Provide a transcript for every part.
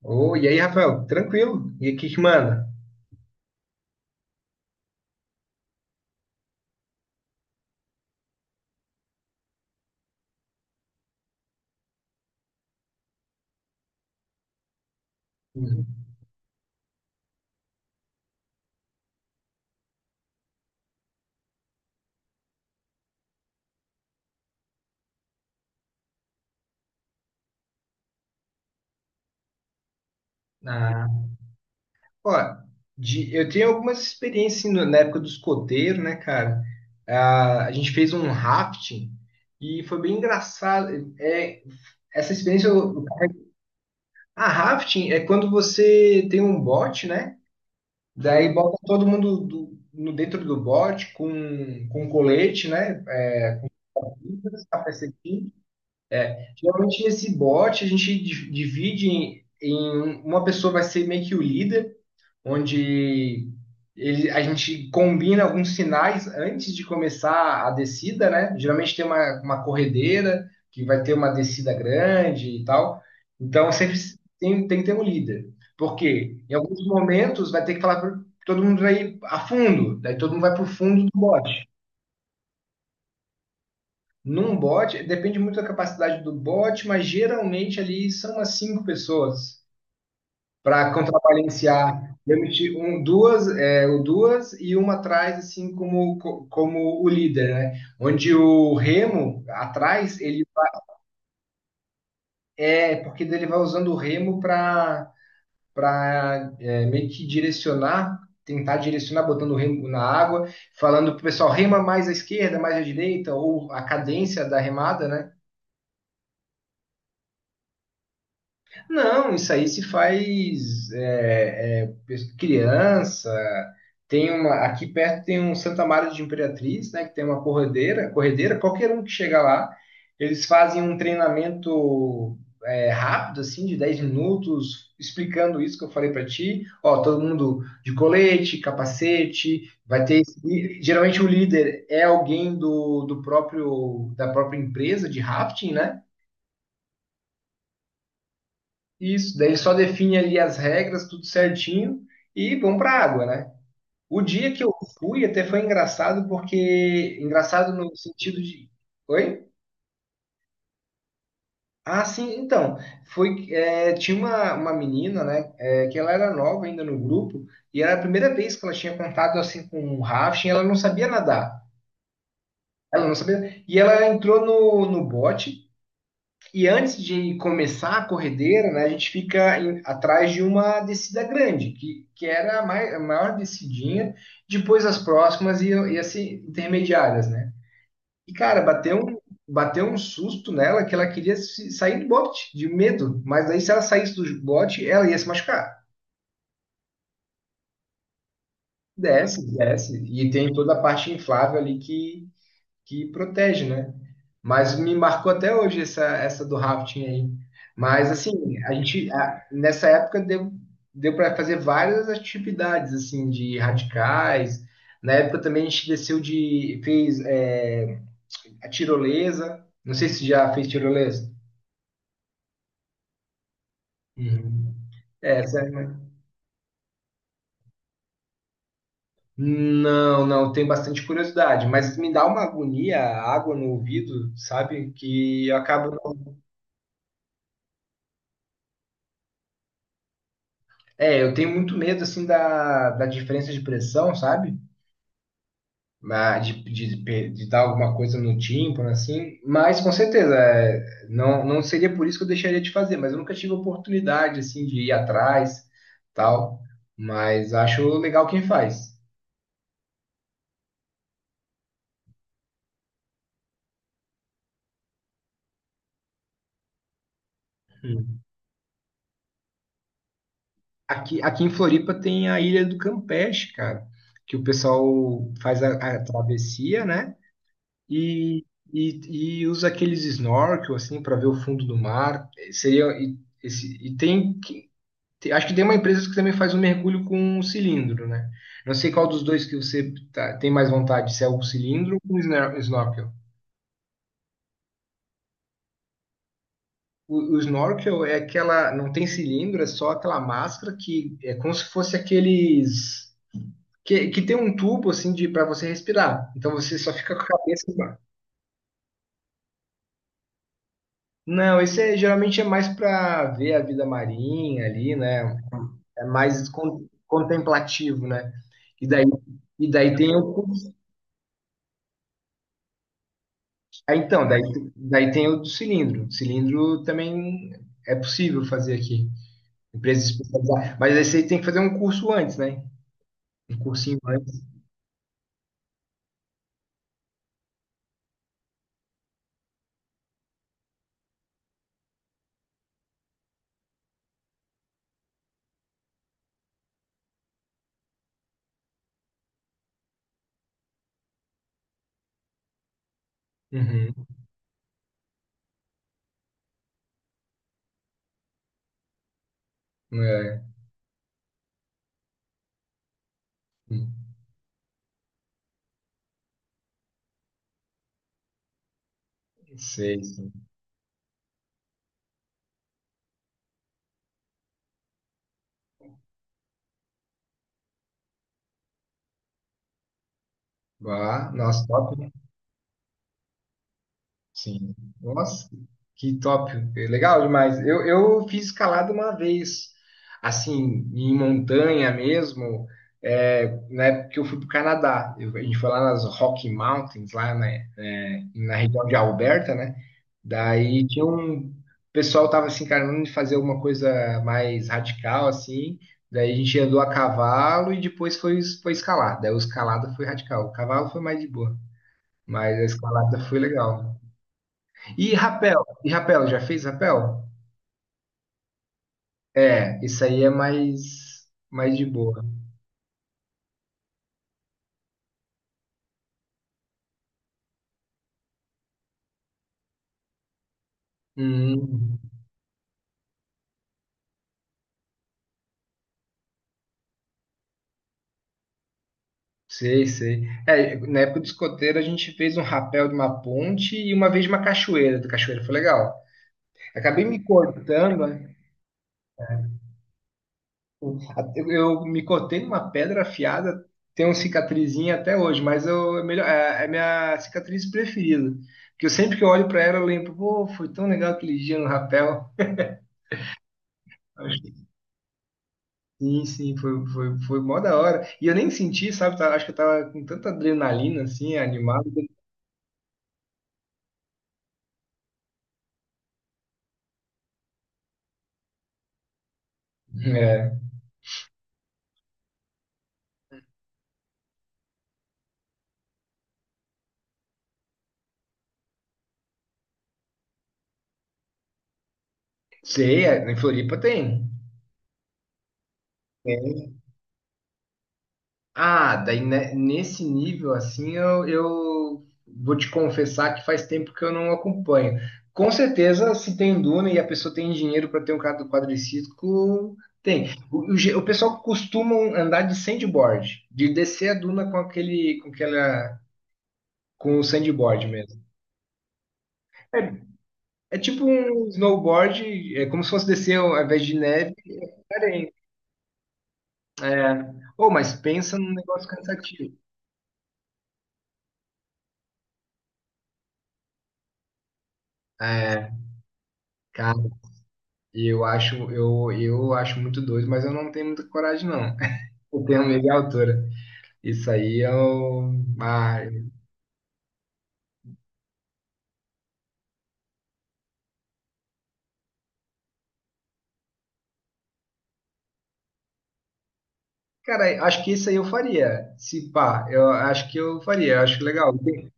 Ô, e aí, Rafael, tranquilo? E o que que manda? Uhum. Ah, ó, eu tenho algumas experiências assim, na época do escoteiro, né, cara? Ah, a gente fez um rafting e foi bem engraçado. É, essa experiência. Ah, rafting é quando você tem um bote, né? Daí bota todo mundo no dentro do bote com colete, né? Geralmente esse bot a gente divide em um, uma pessoa vai ser meio que o líder, onde ele, a gente combina alguns sinais antes de começar a descida, né? Geralmente tem uma corredeira que vai ter uma descida grande e tal. Então sempre tem que ter um líder. Porque em alguns momentos vai ter que falar para todo mundo vai a fundo, daí todo mundo vai para o fundo do bot. Num bot, depende muito da capacidade do bot, mas geralmente ali são umas cinco pessoas para contrabalancear. Eu meti um, duas, é, o duas e uma atrás, assim como, como o líder, né? Onde o remo atrás, ele é porque ele vai usando o remo para meio que direcionar, tentar direcionar, botando o remo na água, falando para o pessoal, rema mais à esquerda, mais à direita, ou a cadência da remada, né? Não, isso aí se faz é criança. Tem uma, aqui perto tem um Santa Maria de Imperatriz, né, que tem uma corredeira, qualquer um que chega lá, eles fazem um treinamento é, rápido, assim, de 10 minutos, explicando isso que eu falei para ti. Ó, todo mundo de colete, capacete, vai ter. Geralmente o líder é alguém do próprio da própria empresa de rafting, né? Isso, daí ele só define ali as regras, tudo certinho, e vão para a água, né? O dia que eu fui até foi engraçado, porque. Engraçado no sentido de. Oi? Ah, sim, então. Foi, é, tinha uma menina, né? É, que ela era nova ainda no grupo, e era a primeira vez que ela tinha contato assim com um rafting, ela não sabia nadar. Ela não sabia. E ela entrou no bote que antes de começar a corredeira, né, a gente fica atrás de uma descida grande, que era a, a maior descidinha, depois as próximas iam, iam se intermediárias, né? E, cara, bateu um susto nela que ela queria sair do bote, de medo, mas aí se ela saísse do bote, ela ia se machucar. Desce, e tem toda a parte inflável ali que protege, né? Mas me marcou até hoje essa do rafting aí. Mas assim, nessa época deu para fazer várias atividades assim de radicais. Na época também a gente desceu de fez é, a tirolesa. Não sei se já fez tirolesa. Uhum. É, sério, né? Não, não, tenho bastante curiosidade, mas me dá uma agonia a água no ouvido, sabe? Que eu acabo. É, eu tenho muito medo, assim, da diferença de pressão, sabe? Ah, de dar alguma coisa no tímpano, assim. Mas, com certeza, é, não, não seria por isso que eu deixaria de fazer. Mas eu nunca tive oportunidade, assim, de ir atrás, tal. Mas acho legal quem faz. Hum. Aqui em Floripa tem a Ilha do Campeche, cara. Que o pessoal faz a travessia, né? E, e usa aqueles snorkel assim para ver o fundo do mar. Eh, seria e, esse, e tem, acho que tem uma empresa que também faz um mergulho com um cilindro, né? Não sei qual dos dois que você tem mais vontade, se é o cilindro ou o snorkel. O snorkel é aquela, não tem cilindro, é só aquela máscara que é como se fosse aqueles que tem um tubo assim de para você respirar. Então você só fica com a cabeça. Não, esse é, geralmente é mais para ver a vida marinha ali, né? É mais contemplativo, né? E daí, e daí tem o curso- Ah, então, daí, daí tem o do cilindro. Cilindro também é possível fazer aqui. Empresas especializadas. Mas aí você tem que fazer um curso antes, né? Um cursinho antes. Uhum. É. Sei, sim. Ah, nossa, top. Sim. Nossa, que top. É legal demais. Eu fiz escalada uma vez, assim, em montanha mesmo, é, na época que eu fui para o Canadá. A gente foi lá nas Rocky Mountains, lá né, é, na região de Alberta, né? Daí tinha um... O pessoal tava se encarando de fazer alguma coisa mais radical, assim. Daí a gente andou a cavalo e depois foi, foi escalar. Daí o escalada foi radical. O cavalo foi mais de boa, mas a escalada foi legal. E rapel, já fez rapel? É, isso aí é mais de boa. Hum, sei. É, na época do escoteiro a gente fez um rapel de uma ponte e uma vez de uma cachoeira, da cachoeira foi legal. Acabei me cortando, né? Eu me cortei numa pedra afiada, tenho uma cicatrizinha até hoje, mas eu, é, melhor, é, é a minha cicatriz preferida. Porque eu sempre que eu olho para ela eu lembro, pô, foi tão legal aquele dia no rapel. Sim, sim, foi, foi, foi mó da hora. E eu nem senti, sabe? Acho que eu tava com tanta adrenalina, assim, animado. É. Sei, é, em Floripa tem. Tem. Ah, daí né, nesse nível, assim, eu vou te confessar que faz tempo que eu não acompanho. Com certeza, se tem duna e a pessoa tem dinheiro para ter um quadro quadriciclo, tem. O pessoal costuma andar de sandboard, de descer a duna com aquele, com aquela, com o sandboard mesmo. É tipo um snowboard, é como se fosse descer ao invés de neve, é areia. Ô, mas pensa num negócio cansativo. É, cara, eu acho, eu acho muito doido, mas eu não tenho muita coragem, não. Eu tenho medo de altura. Isso aí eu. Ah, cara, acho que isso aí eu faria. Se pá, eu acho que eu faria, eu acho legal. Tem,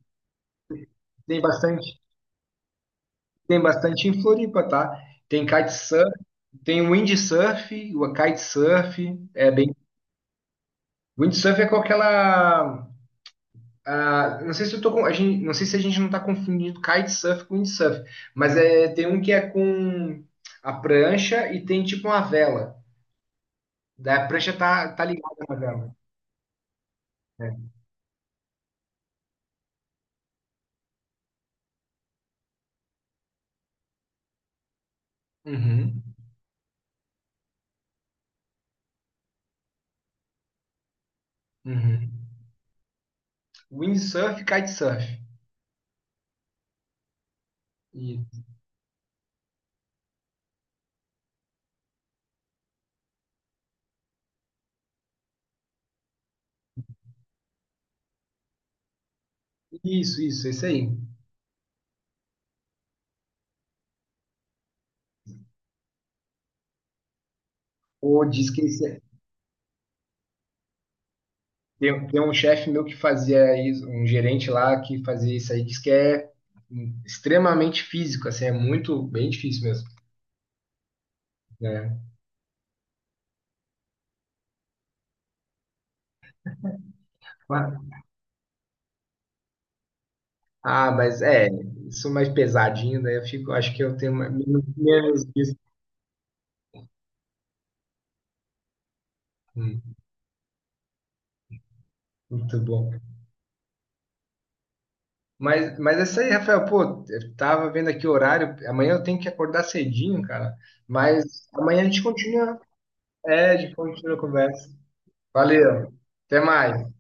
tem bastante, tem bastante em Floripa, tá? Tem kitesurf, tem windsurf, o kitesurf, é bem. Windsurf é com aquela. Ah, não sei se eu tô com, a gente, não sei se a gente não está confundindo kitesurf com windsurf, mas é, tem um que é com a prancha e tem tipo uma vela. Daí a prancha tá ligada na vela, né? Uhum, uhum. Windsurf, kitesurf. Isso, isso, isso, esse aí. Ou diz que esse tem, um chefe meu que fazia isso, um gerente lá que fazia isso aí, diz que é extremamente físico, assim, é muito bem difícil mesmo, né? Ah, mas é, isso mais pesadinho, né? Eu fico, acho que eu tenho menos, menos disso. Hum, muito bom. Mas é isso aí, Rafael, pô, eu tava vendo aqui o horário, amanhã eu tenho que acordar cedinho, cara. Mas amanhã a gente continua, é, a gente continua a conversa. Valeu, até mais.